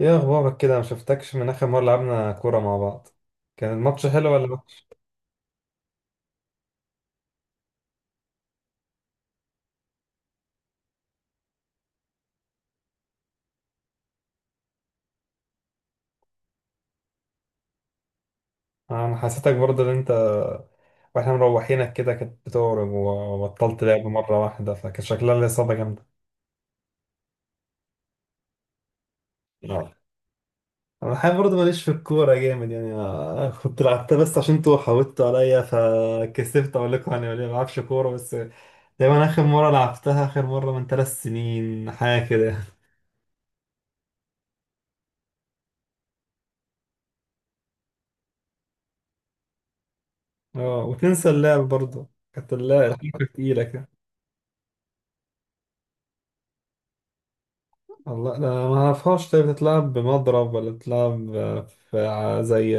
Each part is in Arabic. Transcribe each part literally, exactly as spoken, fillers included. ايه اخبارك كده؟ ما شفتكش من اخر مره لعبنا كوره مع بعض. كان الماتش حلو ولا ماتش؟ انا حسيتك برضه ان انت واحنا مروحينك كده كنت بتهرب وبطلت لعب مره واحده، فكان شكلها لي اصابه جامده. آه. انا الحقيقه برضه ماليش في الكوره جامد يعني، آه، كنت لعبتها بس عشان انتوا حاولتوا عليا فكسفت اقول لكم يعني ما بلعبش كوره بس. دايما اخر مره لعبتها، اخر مره من ثلاث سنين حاجه كده. اه، وتنسى اللعب برضه، كانت اللعب الحركه تقيله كده. الله! ده ما اعرفهاش. طيب بتتلعب بمضرب ولا بتتلعب في ع- زي،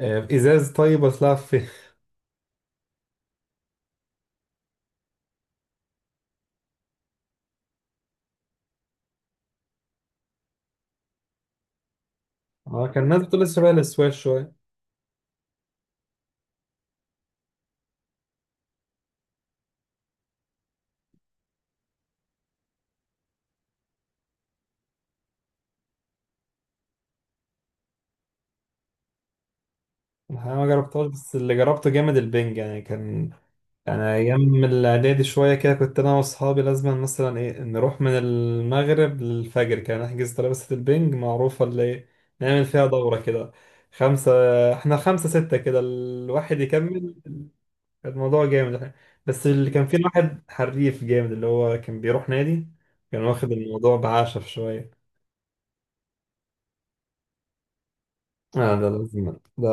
آه، في ازاز، طيب ولا بتتلعب في اه، كان الناس بتقول لسه بقى للسواش شويه. الحقيقة ما جربتهاش، بس اللي جربته جامد البنج يعني، كان يعني ايام الاعدادي شويه كده كنت انا واصحابي لازم مثلا ايه نروح من المغرب للفجر، كان نحجز ترابيزه البنج معروفه اللي إيه، نعمل فيها دوره كده. خمسه احنا خمسه سته كده الواحد يكمل. كان الموضوع جامد احنا، بس اللي كان فيه واحد حريف جامد اللي هو كان بيروح نادي، كان واخد الموضوع بعشف شوية. اه، ده لازم. ده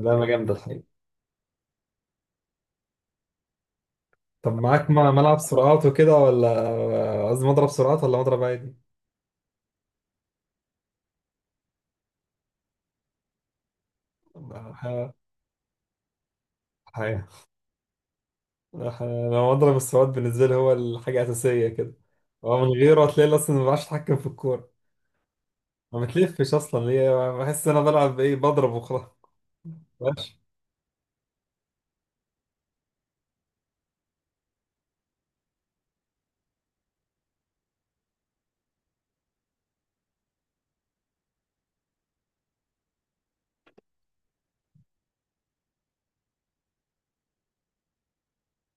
ده أنا جامد الحقيقة. طب معاك م- ملعب سرعات وكده، ولا قصدي مضرب سرعات ولا مضرب عادي؟ ح- حقيقة. ح- أنا مضرب السرعات بالنسبة لي هو الحاجة الأساسية كده، هو من غيره هتلاقي أصلا ما بعرفش أتحكم في الكورة. ما بتلفش أصلا ليه، بحس إن أنا بلعب إيه بضرب وخلاص.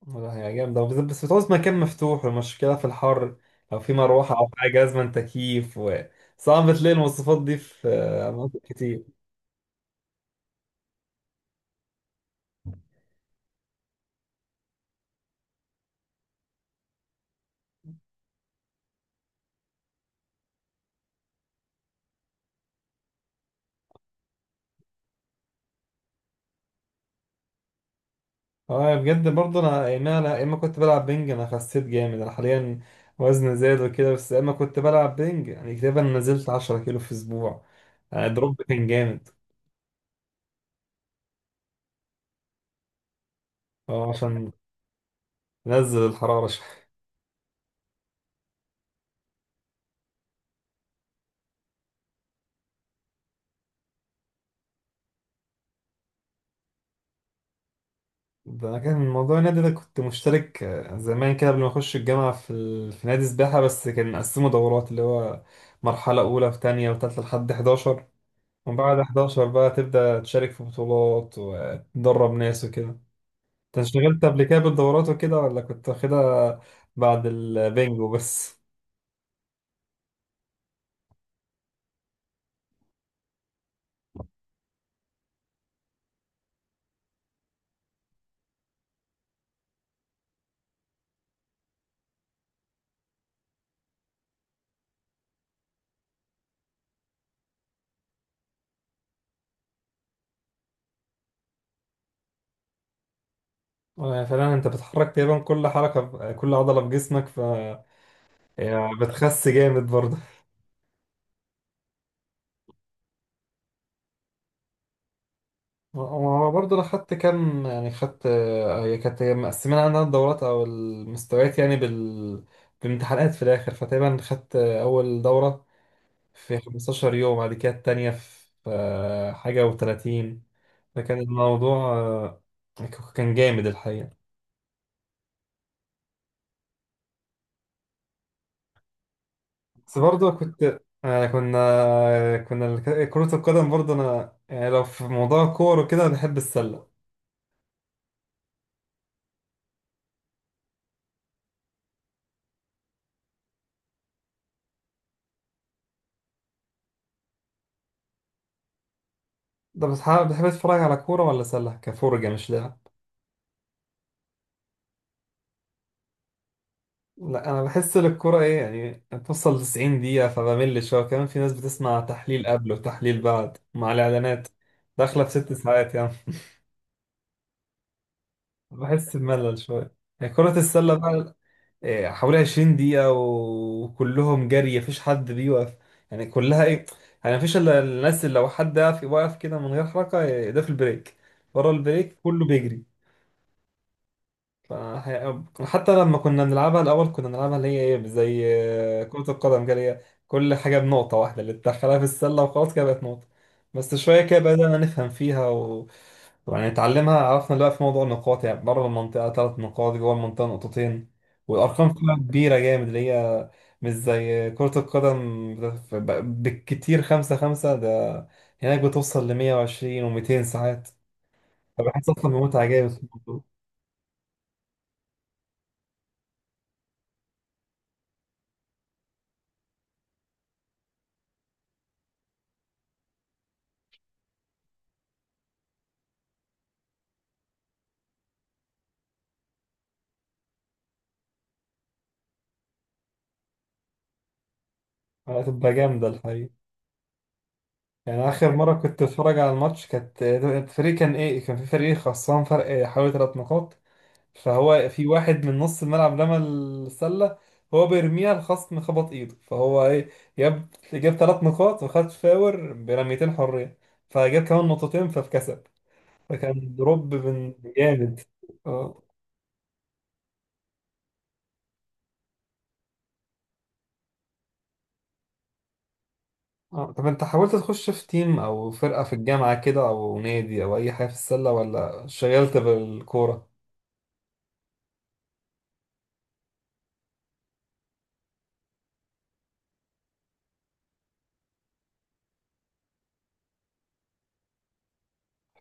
والله هي جامدة، وبز- بس بتعوز مكان مفتوح، والمشكلة في الحر. لو في مروحة أو حاجة، لازم تكييف، وصعب تلاقي المواصفات دي في آه، أماكن كتير. اه، يعني بجد برضه أنا يا إما أنا يا إما كنت بلعب بينج. أنا خسيت جامد، أنا حاليا وزني زاد وكده، بس يا إما كنت بلعب بينج يعني تقريبا نزلت 10 كيلو في أسبوع. يعني الدروب كان جامد. اه، عشان نزل الحرارة. ده انا كان موضوع النادي ده كنت مشترك آه، زمان كده قبل ما اخش الجامعه في ال... في نادي سباحه، بس كان مقسمه دورات اللي هو مرحله اولى وثانيه وثالثه لحد أحد عشر. ومن بعد أحد عشر بقى تبدا تشارك في بطولات وتدرب ناس وكده. انت اشتغلت قبل كده بالدورات وكده ولا كنت واخدها بعد البنجو بس؟ آه، فعلا انت بتحرك تقريبا كل حركه، كل عضله في جسمك ف هي بتخس جامد برضه. هو برضه انا خدت كام، يعني خدت آه، هي كانت مقسمين عندنا الدورات او المستويات يعني بال بامتحانات في الاخر، فتقريبا خدت اول دوره في 15 يوم، بعد كده التانيه في آه، حاجه و30. فكان الموضوع، آه، كان جامد الحقيقه. بس برضه كنت آه، كنا آه، كنا الك- كرة القدم برضه انا، يعني لو في موضوع كورة وكده بحب السلة. ده بتح- بتحب تتفرج على كورة ولا سلة، كفرجة مش لعب؟ لا، انا بحس ان الكوره ايه يعني بتوصل 90 دقيقه فبمل شويه، كمان في ناس بتسمع تحليل قبل وتحليل بعد مع الاعلانات، داخله في ست ساعات يعني. بحس بملل شويه. يعني كره السله بقى إيه، حوالي 20 دقيقه وكلهم جري، مفيش حد بيوقف. يعني كلها ايه، يعني مفيش الا الناس اللي لو حد واقف واقف كده من غير حركه إيه، ده في البريك. ورا البريك كله بيجري. فهي- حتى لما كنا بنلعبها الأول كنا بنلعبها اللي هي إيه زي كرة القدم كده، اللي هي كل حاجة بنقطة واحدة اللي تدخلها في السلة وخلاص كده بقت نقطة. بس شوية كده بدأنا نفهم فيها و... ويعني نتعلمها، عرفنا بقى في موضوع النقاط، يعني بره المنطقة تلات نقاط، جوه المنطقة نقطتين، والأرقام فيها كبيرة جامد اللي هي مش زي كرة القدم، بت- ب- بالكتير خمسة خمسة. ده هناك بتوصل لمية وعشرين وميتين ساعات، فبحس أصلا بمتعة جامد في الموضوع. هتبقى جامدة الحقيقة. يعني آخر مرة كنت أتفرج على الماتش كانت الفريق كان إيه، كان في فريق خسران فرق حوالي تلات نقاط. فهو في واحد من نص الملعب رمى السلة، هو بيرميها الخصم خبط إيده، فهو إيه جاب جاب تلات نقاط وخد فاور برميتين حرية، فجاب كمان نقطتين فكسب. فكان دروب من جامد. اه. آه. طب أنت حاولت تخش في تيم أو فرقة في الجامعة كده، أو نادي، أو أي حاجة في السلة، ولا شغلت بالكورة؟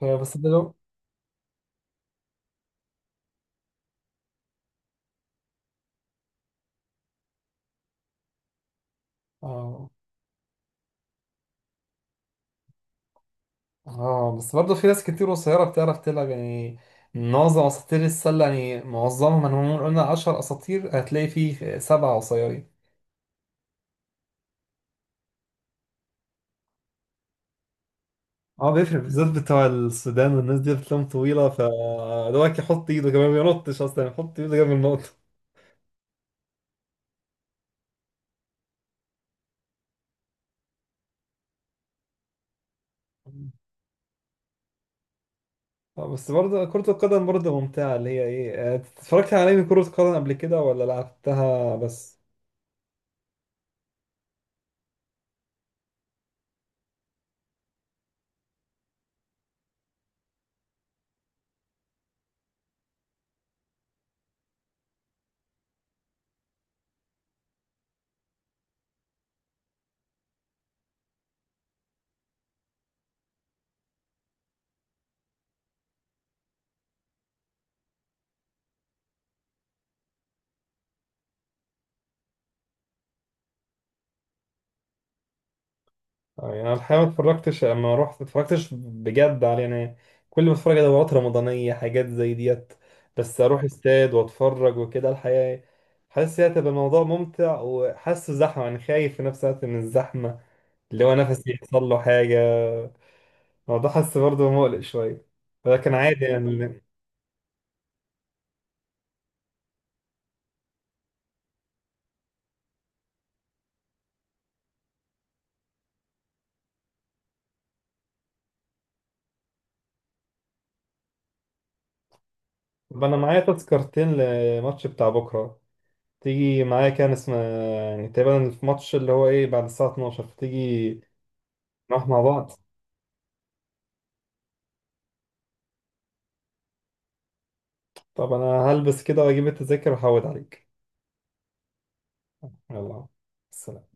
آه، بس ده جو؟ آه، اه، بس برضه في ناس كتير قصيرة بتعرف تلعب يعني. معظم اساطير السلة، يعني معظمهم، انا لو قلنا 10 اساطير هتلاقي فيه سبعة قصيرين. اه، بيفرق بالذات بتوع السودان والناس دي بتلاقيهم طويلة، فدوك يحط ايده كمان ما بينطش اصلا، يحط ايده جنب النقطة. اه، بس برضه كرة القدم برضه ممتعة اللي هي ايه، اه، اتفرجت على انمي كرة قدم قبل كده ولا لعبتها بس؟ آه، يعني انا الحقيقه ما اتفرجتش، اما رحت ما اتفرجتش بجد على يعني، كل ما اتفرج على دورات رمضانيه حاجات زي ديت. بس اروح استاد واتفرج وكده الحقيقه إيه، حاسس هي هتبقى الموضوع ممتع، وحاسه زحمه، يعني خايف في نفس الوقت من الزحمه اللي هو نفسي يحصل له حاجه. الموضوع حاسس برضه مقلق شويه، ولكن عادي يعني. طب انا معايا تذكرتين لماتش بتاع بكره، تيجي معايا؟ كان اسمه، يعني تقريبا الماتش اللي هو ايه بعد الساعه اتناشر، تيجي نروح مع بعض. طب انا هلبس كده واجيب التذاكر واحود عليك. يلا. السلام.